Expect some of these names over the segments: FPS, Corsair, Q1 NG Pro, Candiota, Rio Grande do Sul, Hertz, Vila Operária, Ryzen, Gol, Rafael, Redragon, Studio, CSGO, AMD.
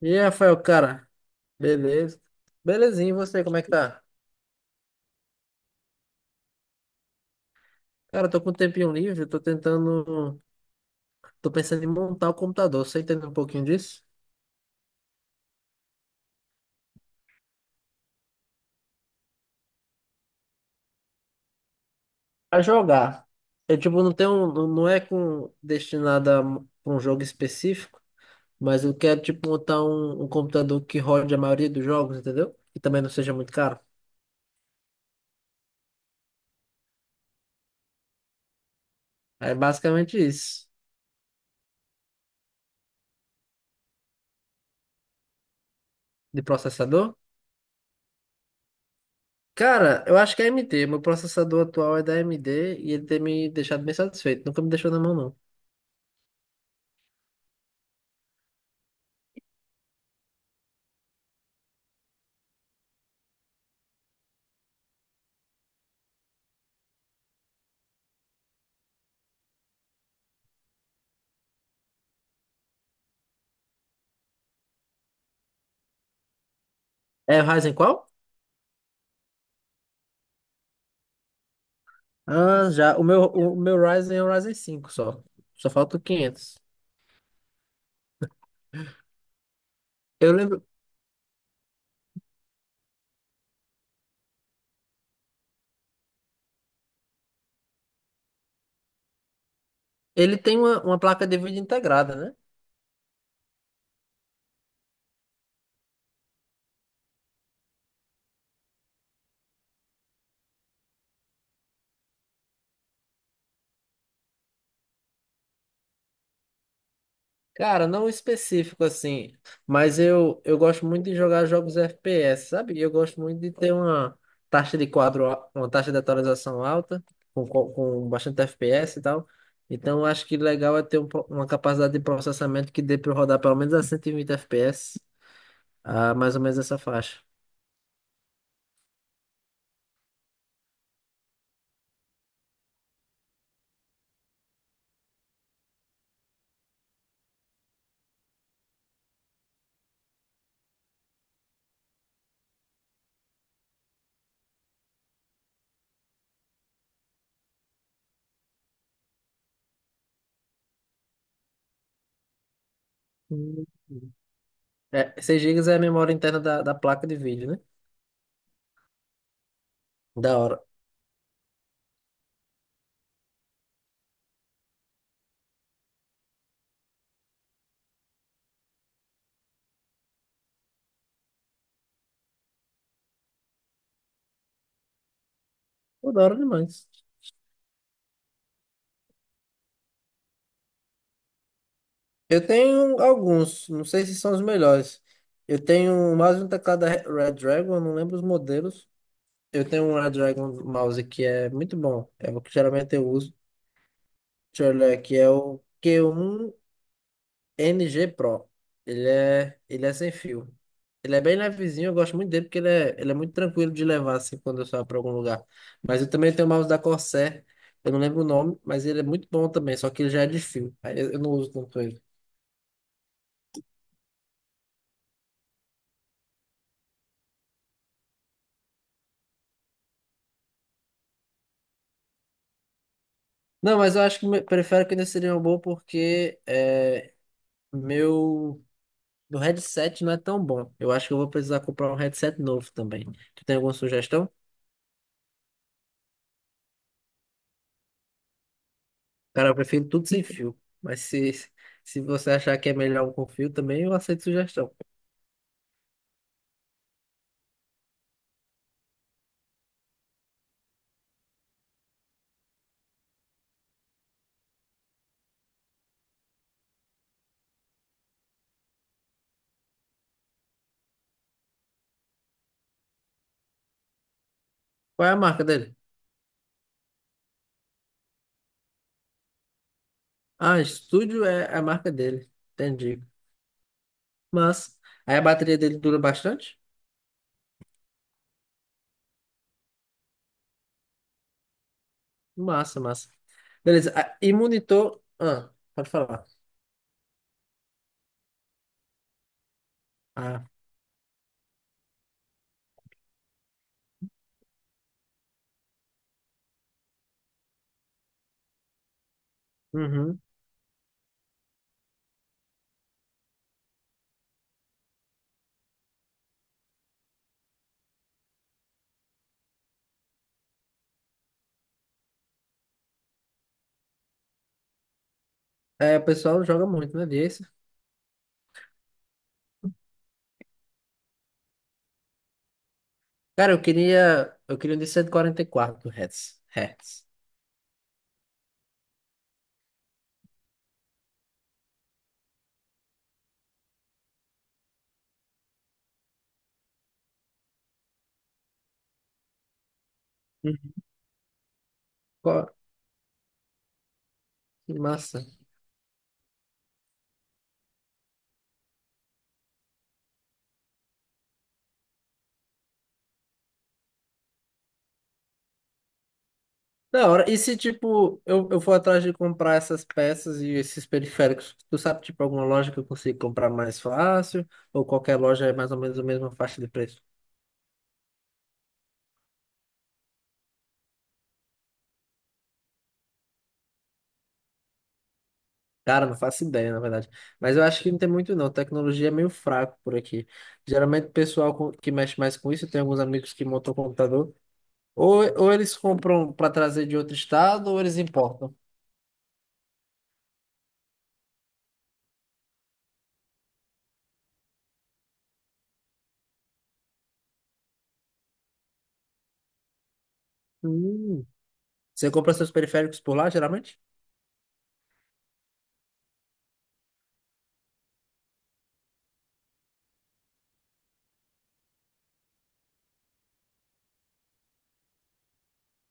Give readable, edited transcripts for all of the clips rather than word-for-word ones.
E aí, Rafael, cara, beleza? Belezinho, e você, como é que tá? Cara, eu tô com um tempinho livre, tô tentando. Tô pensando em montar o computador. Você entende um pouquinho disso? Pra jogar. Eu, tipo, não tenho. Não não é com destinado a um jogo específico, mas eu quero, tipo, montar um computador que rode a maioria dos jogos, entendeu? E também não seja muito caro. É basicamente isso. De processador? Cara, eu acho que é AMD. Meu processador atual é da AMD e ele tem me deixado bem satisfeito. Nunca me deixou na mão, não. É o Ryzen qual? Ah, já. O meu Ryzen é o Ryzen cinco só. Só falta o 500. Eu lembro. Ele tem uma placa de vídeo integrada, né? Cara, não específico assim. Mas eu gosto muito de jogar jogos FPS, sabe? Eu gosto muito de ter uma taxa de quadro, uma taxa de atualização alta, com bastante FPS e tal. Então, eu acho que legal é ter uma capacidade de processamento que dê para rodar pelo menos a 120 FPS, a mais ou menos essa faixa. Hum. É, 6 GB é a memória interna da placa de vídeo, né? Da hora. Pô, da hora demais. Eu tenho alguns, não sei se são os melhores. Eu tenho mais um teclado da Dragon, não lembro os modelos. Eu tenho um Redragon mouse que é muito bom. É o que geralmente eu uso. Deixa eu olhar aqui, é o Q1 NG Pro. Ele é sem fio. Ele é bem levezinho, eu gosto muito dele porque ele é muito tranquilo de levar assim quando eu saio para algum lugar. Mas eu também tenho o mouse da Corsair, eu não lembro o nome, mas ele é muito bom também, só que ele já é de fio. Aí eu não uso tanto ele. Não, mas eu acho que prefiro que ainda seria um bom porque é, meu, meu headset não é tão bom. Eu acho que eu vou precisar comprar um headset novo também. Tu tem alguma sugestão? Cara, eu prefiro tudo sem fio. Se você achar que é melhor um com fio também, eu aceito sugestão. Qual é a marca dele? Ah, Studio é a marca dele. Entendi. Mas, aí a bateria dele dura bastante? Massa, massa. Beleza. Ah, e monitor. Ah, pode falar. Ah, uhum. É, o pessoal joga muito, né? Disso. Cara, eu queria. Eu queria um de 144 Hz. Hz. Hertz. Uhum. Qual- Massa. Da hora. E se, tipo, eu for atrás de comprar essas peças e esses periféricos, tu sabe, tipo, alguma loja que eu consigo comprar mais fácil? Ou qualquer loja é mais ou menos a mesma faixa de preço? Cara, não faço ideia, na verdade. Mas eu acho que não tem muito, não. Tecnologia é meio fraco por aqui. Geralmente, o pessoal que mexe mais com isso, tem alguns amigos que montam computador. Ou eles compram para trazer de outro estado, ou eles importam. Hum. Você compra seus periféricos por lá, geralmente?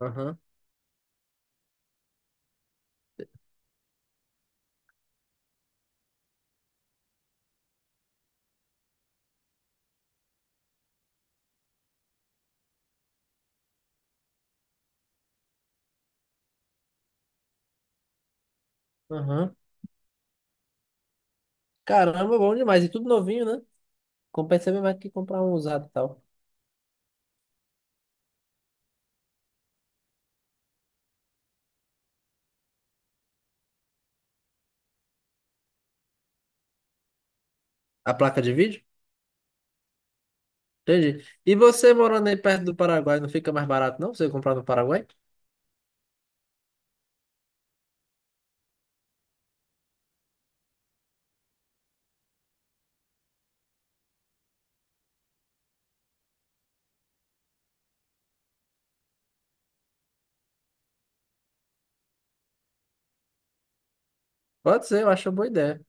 Aham, aham. Caramba, bom demais. E tudo novinho, né? Compensa mesmo aqui comprar um usado e tal. A placa de vídeo? Entendi. E você morando aí perto do Paraguai, não fica mais barato não você comprar no Paraguai? Pode ser, eu acho uma boa ideia.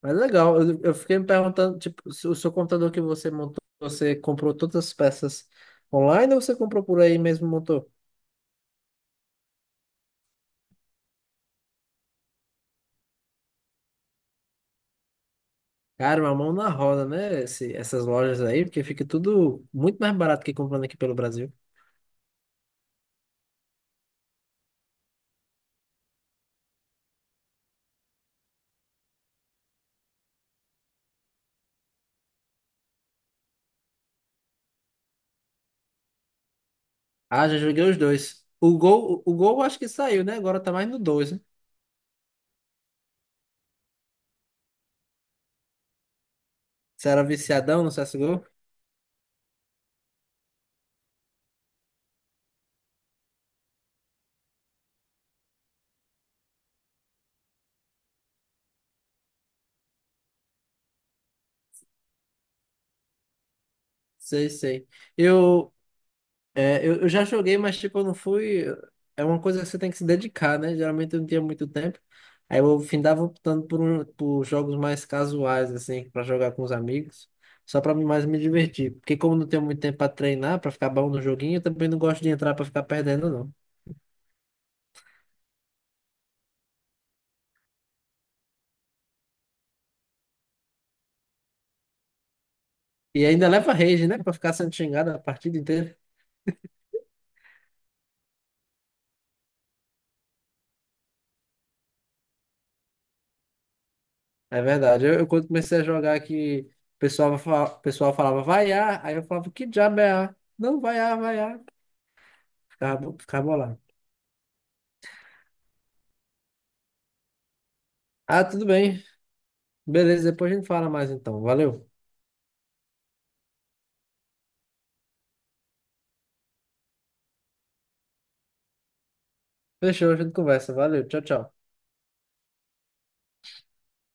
Mas legal, eu fiquei me perguntando, tipo, se o seu computador que você montou, você comprou todas as peças online ou você comprou por aí mesmo e montou? Cara, uma mão na roda, né? Essas lojas aí, porque fica tudo muito mais barato que comprando aqui pelo Brasil. Ah, já joguei os dois. O Gol, Gol eu acho que saiu, né? Agora tá mais no 2, né? Você era viciadão no CSGO? Sei, sei. Eu, eu já joguei, mas tipo, eu não fui. É uma coisa que você tem que se dedicar, né? Geralmente eu não tinha muito tempo. Aí eu findava optando por, um, por jogos mais casuais, assim, pra jogar com os amigos, só pra mais me divertir. Porque como não tenho muito tempo pra treinar, pra ficar bom no joguinho, eu também não gosto de entrar pra ficar perdendo, não. E ainda leva rage, né? Pra ficar sendo xingado a partida inteira. É verdade. Eu quando comecei a jogar que o pessoal, o pessoal falava, vai A, aí eu falava, que diabo é A? Não, vai A, vai A. Acabou, acabou lá. Ah, tudo bem. Beleza, depois a gente fala mais então. Valeu. Fechou, a gente conversa. Valeu, tchau, tchau.